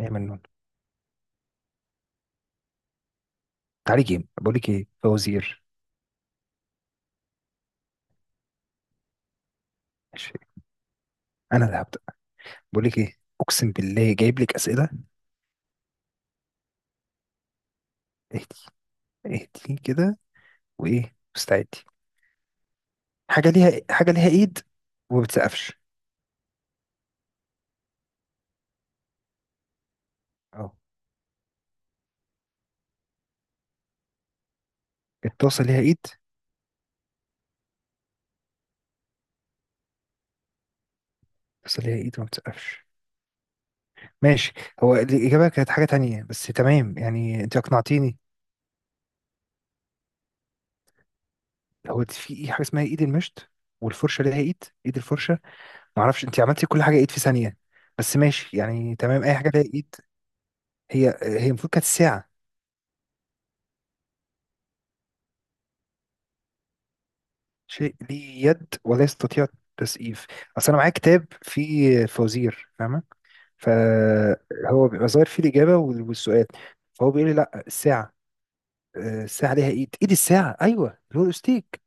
يا منون، تعالي جيم. بقول لك ايه، فوازير. ماشي، انا اللي هبدا. بقول لك ايه، اقسم بالله جايب لك اسئله. اهدي، اهدي كده. وايه، مستعدي؟ حاجه ليها إيه؟ حاجه ليها ايد وما بتسقفش. اه، الطاسه ليها ايد. الطاسه ليها ايد وما بتسقفش. ماشي. هو الاجابه كانت حاجه تانية، بس تمام يعني انت اقنعتيني. هو في ايه حاجه اسمها ايد المشط؟ والفرشه ليها ايد، ايد الفرشه. ما اعرفش انت عملتي كل حاجه ايد في ثانيه، بس ماشي يعني تمام، اي حاجه ليها ايد. هي هي المفروض كانت ساعه. شيء ليه يد ولا يستطيع التسقيف. اصل انا معايا كتاب فيه فوازير، فاهمه؟ فهو بيبقى ظاهر فيه الاجابه والسؤال. فهو بيقول لي لا، الساعه. الساعه ليها ايد، ايد الساعه، ايوه اللي هو الاستيك.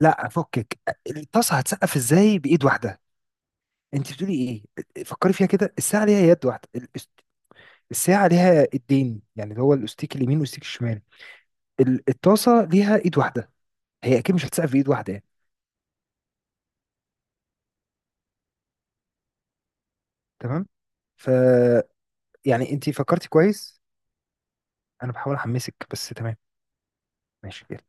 لا، فكك. الطاسه هتسقف ازاي بايد واحده؟ انت بتقولي ايه؟ فكري فيها كده، الساعه ليها يد واحده الساعه ليها ايدين، يعني اللي هو الاستيك اليمين والاستيك الشمال. الطاسه ليها ايد واحده، هي اكيد مش هتسقف بايد واحده يعني. تمام. ف يعني انت فكرتي كويس. انا بحاول احمسك، بس تمام، ماشي يلا.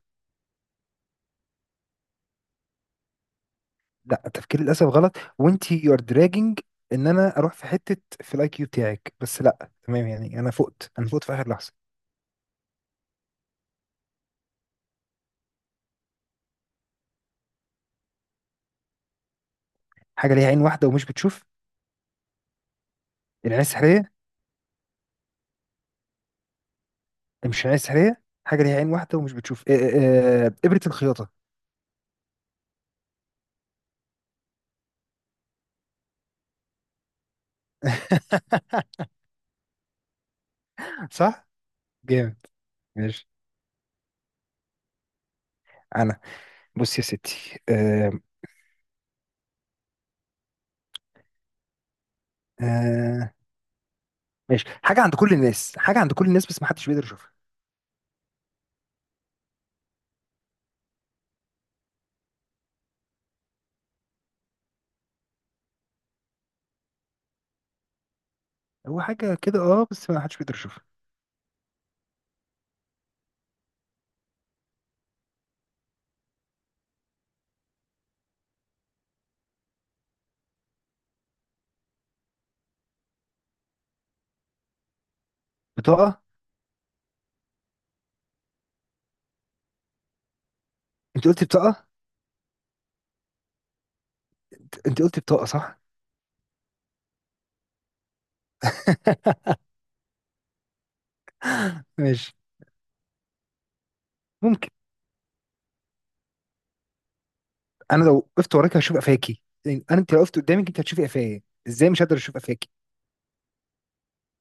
لا، تفكيري للاسف غلط، وانت يو ار دراجنج. ان انا اروح في حته في الاي كيو بتاعك، بس لا تمام يعني انا فقت في اخر لحظه. حاجه ليها عين واحده ومش بتشوف. العين السحريه. مش العين السحريه، حاجه ليها عين واحده ومش بتشوف، إيه، إيه، إيه، ابره الخياطه. صح. جامد، ماشي. انا بص يا ستي، آه، ماشي. حاجه عند كل الناس، حاجه عند كل الناس بس ما حدش بيقدر يشوفها. هو حاجه كده اه، بس ما حدش بيقدر يشوفها. بطاقه؟ انت قلتي بطاقه، انت قلتي بطاقه صح. ماشي، ممكن. انا لو وقفت وراك هشوف قفاكي، يعني انت لو وقفت قدامك انت هتشوفي قفايا. ازاي مش هقدر اشوف قفاكي؟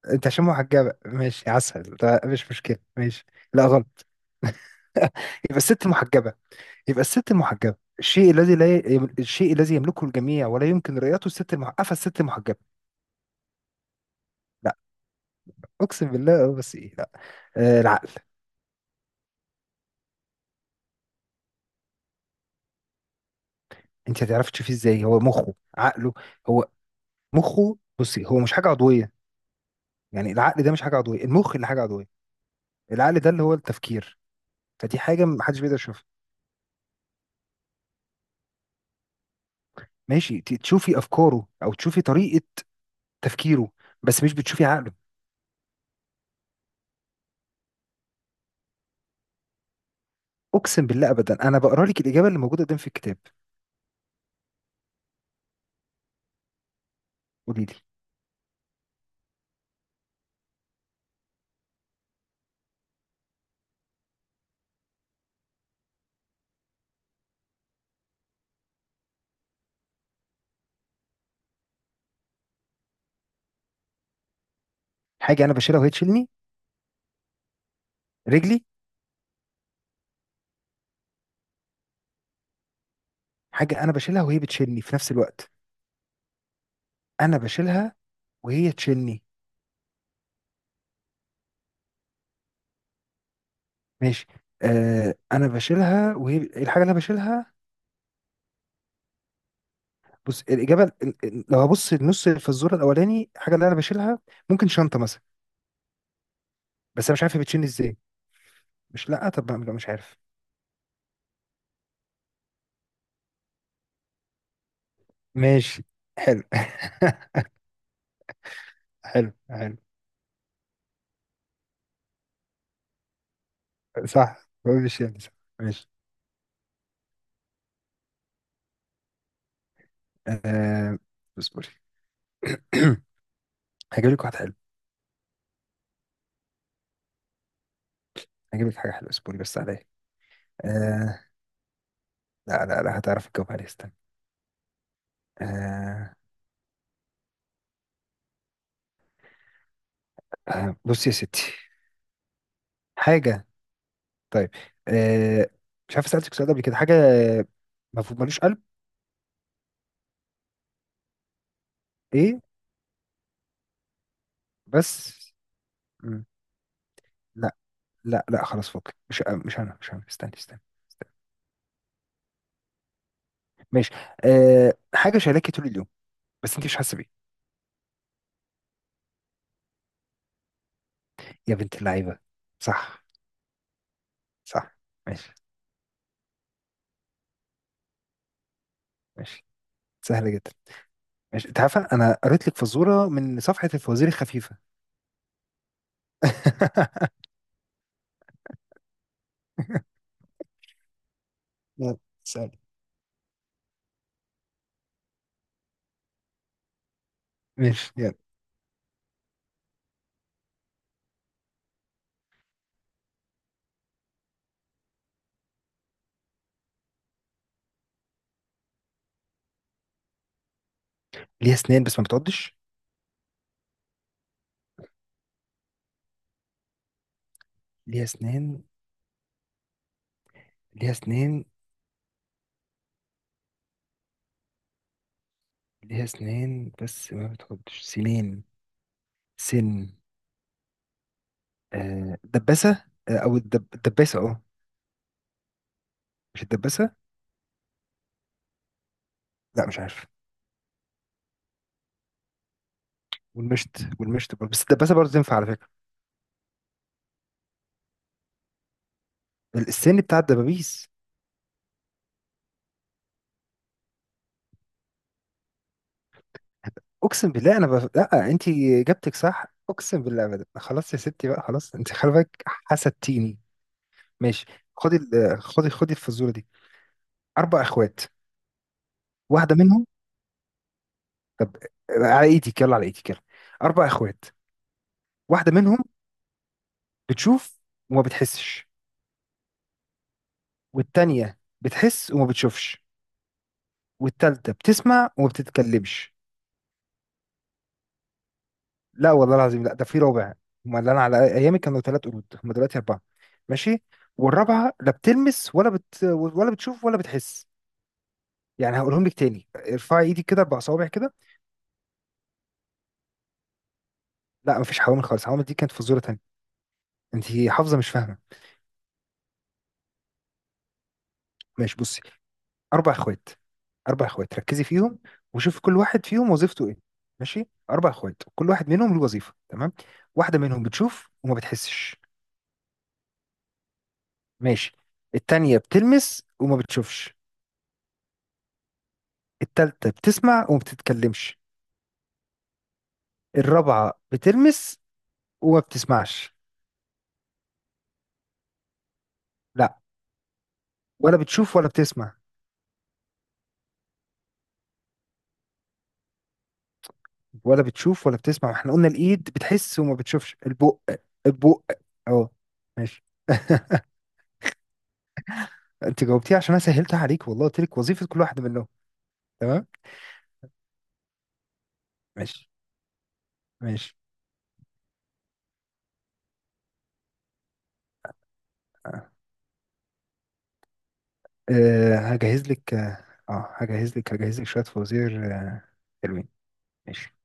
انت عشان محجبه ماشي عسل، ده مش مشكله، ماشي. لا غلط. يبقى الست المحجبه. يبقى الست المحجبه، الشيء الذي لا ي... الشيء الذي يملكه الجميع ولا يمكن رؤيته، الست المحجبه، الست المحجبه. لا، اقسم بالله اه، بس ايه، لا. آه، العقل. انت هتعرفي تشوفيه ازاي؟ هو مخه عقله. هو مخه، بصي، هو مش حاجه عضويه. يعني العقل ده مش حاجه عضويه، المخ اللي حاجه عضويه. العقل ده اللي هو التفكير. فدي حاجة محدش بيقدر يشوفها. ماشي، تشوفي أفكاره أو تشوفي طريقة تفكيره، بس مش بتشوفي عقله. أقسم بالله أبدا، أنا بقرا لك الإجابة اللي موجودة قدام في الكتاب. قولي لي. حاجة أنا بشيلها وهي تشيلني. رجلي. حاجة أنا بشيلها وهي بتشيلني في نفس الوقت. أنا بشيلها وهي تشيلني. ماشي. أنا بشيلها وهي الحاجة اللي أنا بشيلها. بص، الإجابة لو هبص النص في الزور الأولاني، الحاجة اللي أنا بشيلها ممكن شنطة مثلا، بس أنا مش عارف هي بتشيلني إزاي. مش، لا طب لا مش عارف. ماشي، حلو. حلو، حلو. صح، مش يعني صح. ماشي. آه اصبري. هجيب لك واحد حلو. هجيب لك حاجة حلوة، اصبري بس عليا. آه لا لا لا، هتعرف تجاوب عليها، استنى. آه آه، بصي يا ستي. حاجة، طيب، آه مش عارف سألتك سؤال قبل كده. حاجة مفهوم ملوش قلب. ايه بس. مم. لا لا لا، خلاص، فوق، مش انا، مش انا، استني، استني، استني. ماشي، حاجة شايلاكي طول اليوم بس انت مش حاسة بيه. يا بنت اللعيبة. صح. صح. ماشي، ماشي. سهلة جدا. ماشي، انت عارفة انا قريت لك فزورة من صفحة الفوازير الخفيفة. يلا سهل. ماشي يلا. ليها اسنان بس ما بتعضش. ليها اسنان، ليها اسنان، ليها اسنان بس ما بتعضش سنين. سن. آه، دباسة، آه او الدباسة، اه. مش الدباسة. لا مش عارف. والمشت، برضه، بس الدباسة برضه تنفع على فكرة. السن بتاع الدبابيس. اقسم بالله انا لا، انت اجابتك صح، اقسم بالله ابدا، خلاص يا ستي بقى، خلاص، انت خلي بالك حسدتيني. ماشي، خدي الفزوره دي. 4 اخوات، واحده منهم. طب على ايدك، يلا على ايدك يلا. اربع اخوات، واحده منهم بتشوف وما بتحسش، والتانيه بتحس وما بتشوفش، والتالته بتسمع وما بتتكلمش. لا والله العظيم لا، ده في رابع. هما اللي انا على ايامي كانوا 3 قرود، هما دلوقتي 4. ماشي. والرابعه لا بتلمس، ولا بتشوف ولا بتحس. يعني هقولهم لك تاني، ارفعي ايدك كده 4 صوابع كده. لا مفيش حوامل خالص، الحوامل دي كانت فزوره تانيه. انت حافظه مش فاهمه. ماشي بصي، اربع اخوات. اربع اخوات، ركزي فيهم وشوفي كل واحد فيهم وظيفته ايه. ماشي، اربع اخوات كل واحد منهم له وظيفه، تمام. واحده منهم بتشوف وما بتحسش. ماشي. التانيه بتلمس وما بتشوفش. التالتة بتسمع وما بتتكلمش. الرابعة بتلمس وما بتسمعش. لا، ولا بتشوف ولا بتسمع. ولا بتشوف ولا بتسمع، احنا قلنا الإيد بتحس وما بتشوفش، البق. البق، اهو. ماشي. انت جاوبتيه عشان انا سهلتها عليك والله، قلت لك وظيفة كل واحد منهم. تمام. ماشي، ماشي. اه، هجهز لك. اه، هجهز لك شوية فوازير. آه، حلوين. ماشي.